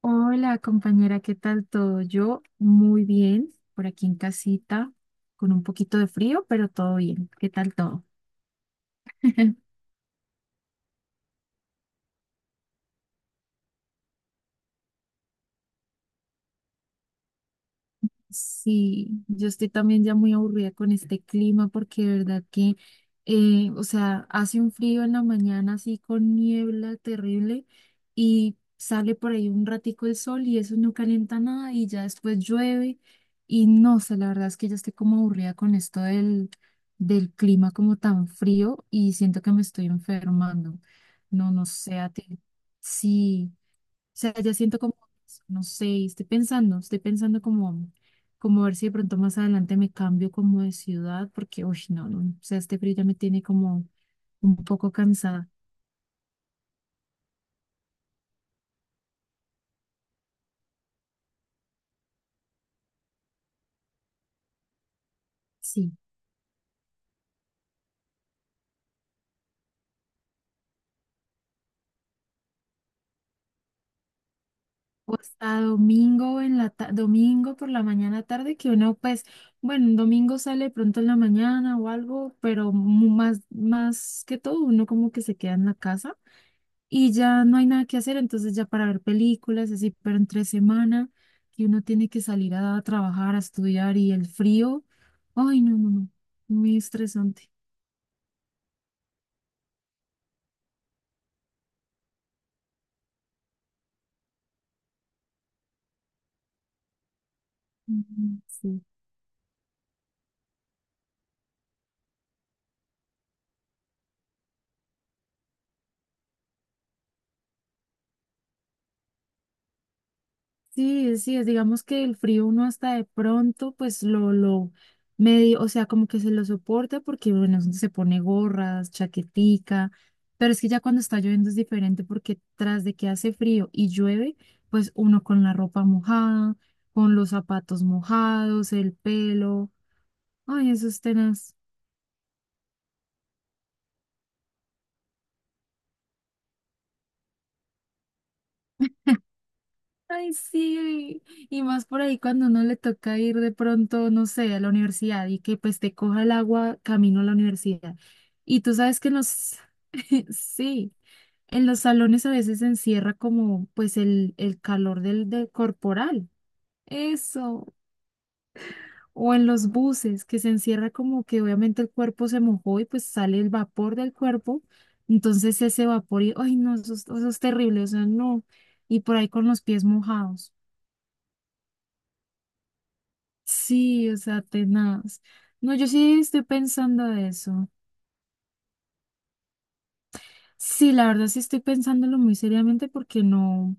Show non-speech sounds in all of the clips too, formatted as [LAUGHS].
Hola compañera, ¿qué tal todo? Yo muy bien, por aquí en casita, con un poquito de frío, pero todo bien. ¿Qué tal todo? [LAUGHS] Sí, yo estoy también ya muy aburrida con este clima porque de verdad que, o sea, hace un frío en la mañana así con niebla terrible y sale por ahí un ratico el sol y eso no calienta nada y ya después llueve y no, o sea, la verdad es que ya estoy como aburrida con esto del clima como tan frío y siento que me estoy enfermando. No, no sé, a ti. Sí sea, ya siento como, no sé, estoy pensando como, como a ver si de pronto más adelante me cambio como de ciudad, porque, uy, no, no, o sea, este frío ya me tiene como un poco cansada, sí. O hasta domingo en la domingo por la mañana tarde, que uno, pues, bueno, un domingo sale pronto en la mañana o algo, pero más que todo, uno como que se queda en la casa y ya no hay nada que hacer, entonces ya para ver películas, así, pero entre semana, que uno tiene que salir a trabajar, a estudiar y el frío, ay, no, no, no, muy estresante. Ujú, sí. Sí, sí, es, digamos que el frío uno hasta de pronto, pues lo medio, o sea, como que se lo soporta porque, bueno, se pone gorras, chaquetica, pero es que ya cuando está lloviendo es diferente porque tras de que hace frío y llueve, pues uno con la ropa mojada, con los zapatos mojados, el pelo, ay, eso es tenaz. Ay, sí, y más por ahí cuando uno le toca ir de pronto, no sé, a la universidad y que pues te coja el agua camino a la universidad. Y tú sabes que en los, [LAUGHS] sí, en los salones a veces se encierra como pues el calor del corporal, eso, o en los buses que se encierra como que obviamente el cuerpo se mojó y pues sale el vapor del cuerpo, entonces ese vapor y, ay, no, eso, eso es terrible, o sea, no, y por ahí con los pies mojados. Sí, o sea, tenaz. No, yo sí estoy pensando eso. Sí, la verdad sí estoy pensándolo muy seriamente porque no, o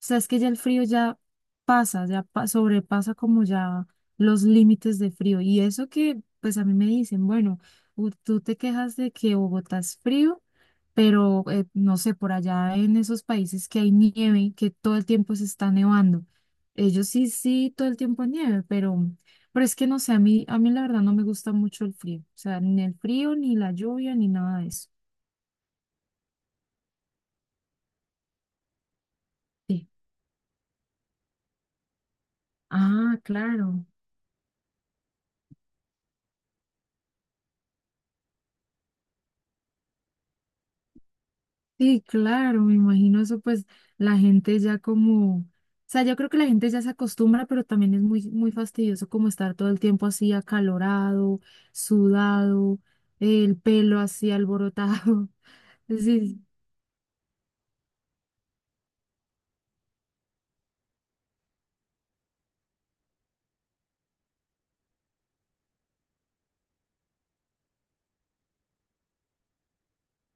sea, es que ya el frío ya pasa, ya sobrepasa como ya los límites de frío. Y eso que, pues a mí me dicen, bueno, tú te quejas de que Bogotá es frío, pero no sé, por allá en esos países que hay nieve, que todo el tiempo se está nevando. Ellos sí, sí, todo el tiempo hay nieve, pero es que no sé, a mí la verdad no me gusta mucho el frío. O sea, ni el frío, ni la lluvia, ni nada de eso. Sí. Ah, claro. Sí, claro, me imagino eso, pues la gente ya como, o sea, yo creo que la gente ya se acostumbra, pero también es muy, muy fastidioso como estar todo el tiempo así acalorado, sudado, el pelo así alborotado. [LAUGHS] Sí,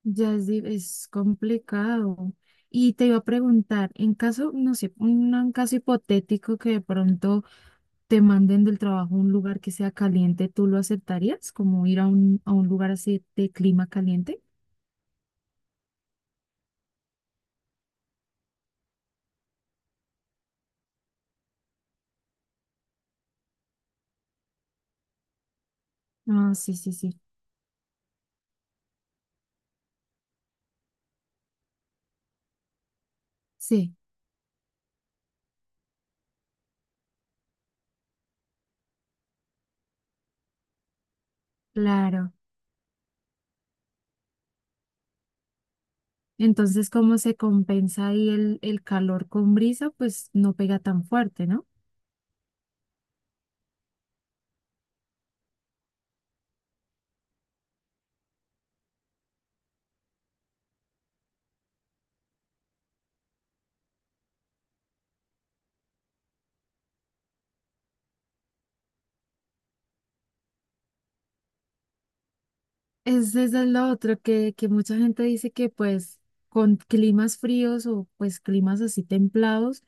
ya es, es complicado. Y te iba a preguntar, en caso, no sé, un caso hipotético que de pronto te manden del trabajo a un lugar que sea caliente, ¿tú lo aceptarías? Como ir a a un lugar así de clima caliente. Ah, sí, sí, sí. Sí, claro. Entonces, ¿cómo se compensa ahí el calor con brisa? Pues no pega tan fuerte, ¿no? Es, eso es lo otro que mucha gente dice que pues con climas fríos o pues climas así templados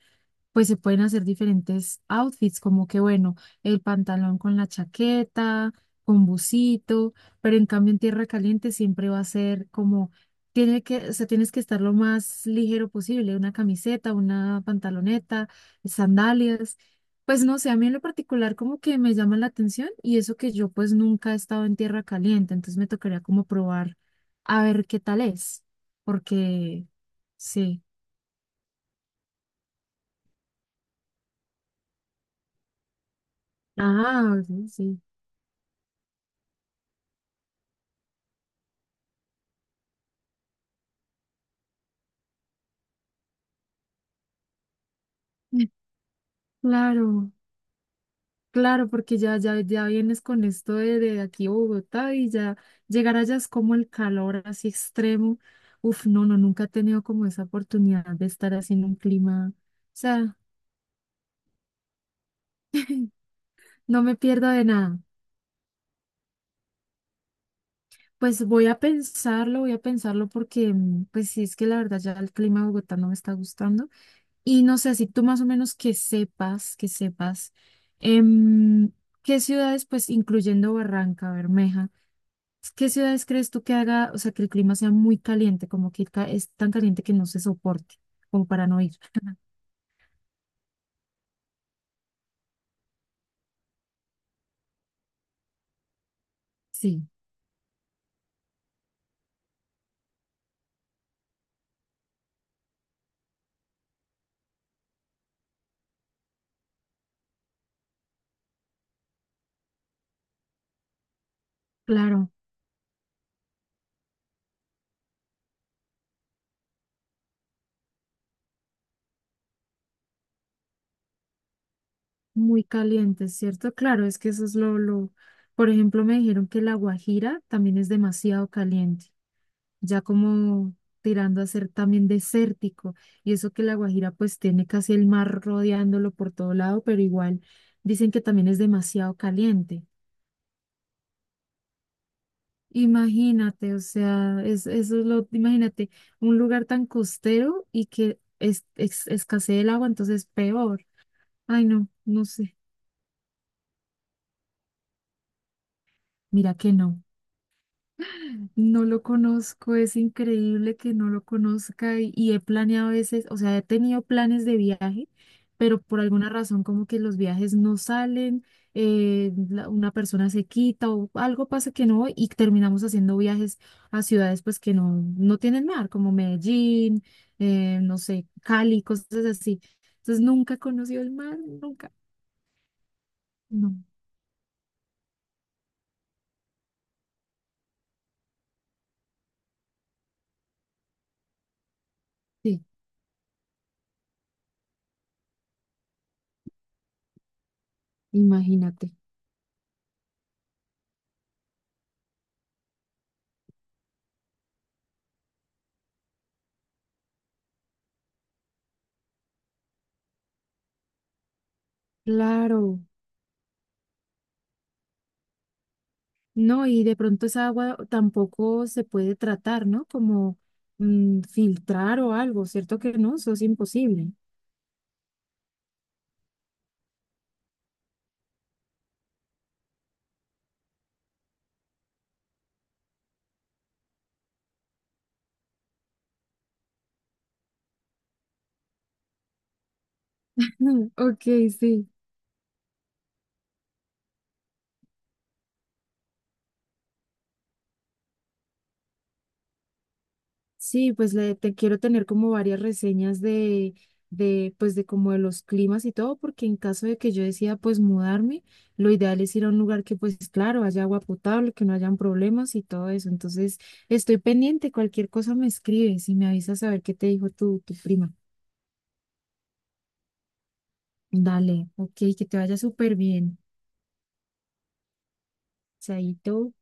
pues se pueden hacer diferentes outfits, como que bueno, el pantalón con la chaqueta, con busito, pero en cambio en tierra caliente siempre va a ser como, tiene que, o sea, tienes que estar lo más ligero posible, una camiseta, una pantaloneta, sandalias. Pues no sé, a mí en lo particular como que me llama la atención y eso que yo pues nunca he estado en tierra caliente, entonces me tocaría como probar a ver qué tal es, porque sí. Ah, sí, sí. Claro, claro, porque ya, ya, ya vienes con esto de aquí a Bogotá y ya llegar allá es como el calor así extremo. Uf, no, no, nunca he tenido como esa oportunidad de estar así en un clima. O sea, no me pierdo de nada. Pues voy a pensarlo porque, mm, pues sí, es que la verdad ya el clima de Bogotá no me está gustando. Y no sé, si tú más o menos que sepas, em, ¿qué ciudades, pues incluyendo Barranca Bermeja? ¿Qué ciudades crees tú que haga, o sea, que el clima sea muy caliente, como que es tan caliente que no se soporte, como para no ir? [LAUGHS] Sí, claro, muy caliente, ¿cierto? Claro, es que eso es lo, por ejemplo, me dijeron que La Guajira también es demasiado caliente, ya como tirando a ser también desértico, y eso que La Guajira pues tiene casi el mar rodeándolo por todo lado, pero igual dicen que también es demasiado caliente. Imagínate, o sea, es, eso es lo, imagínate, un lugar tan costero y que es, escasee el agua, entonces peor. Ay, no, no sé. Mira que no. No lo conozco, es increíble que no lo conozca y he planeado a veces, o sea, he tenido planes de viaje, pero por alguna razón como que los viajes no salen, una persona se quita o algo pasa que no voy y terminamos haciendo viajes a ciudades pues que no, no tienen mar, como Medellín, no sé, Cali, cosas así. Entonces nunca he conocido el mar, nunca, no, sí, imagínate. Claro. No, y de pronto esa agua tampoco se puede tratar, ¿no? Como mm, filtrar o algo, ¿cierto que no? Eso es imposible. [LAUGHS] Ok, sí. Sí, pues le, te quiero tener como varias reseñas de, pues de como de los climas y todo, porque en caso de que yo decida pues mudarme, lo ideal es ir a un lugar que pues claro, haya agua potable, que no hayan problemas y todo eso. Entonces, estoy pendiente, cualquier cosa me escribes y me avisas a ver qué te dijo tu prima. Dale, ok, que te vaya súper bien. Chaito.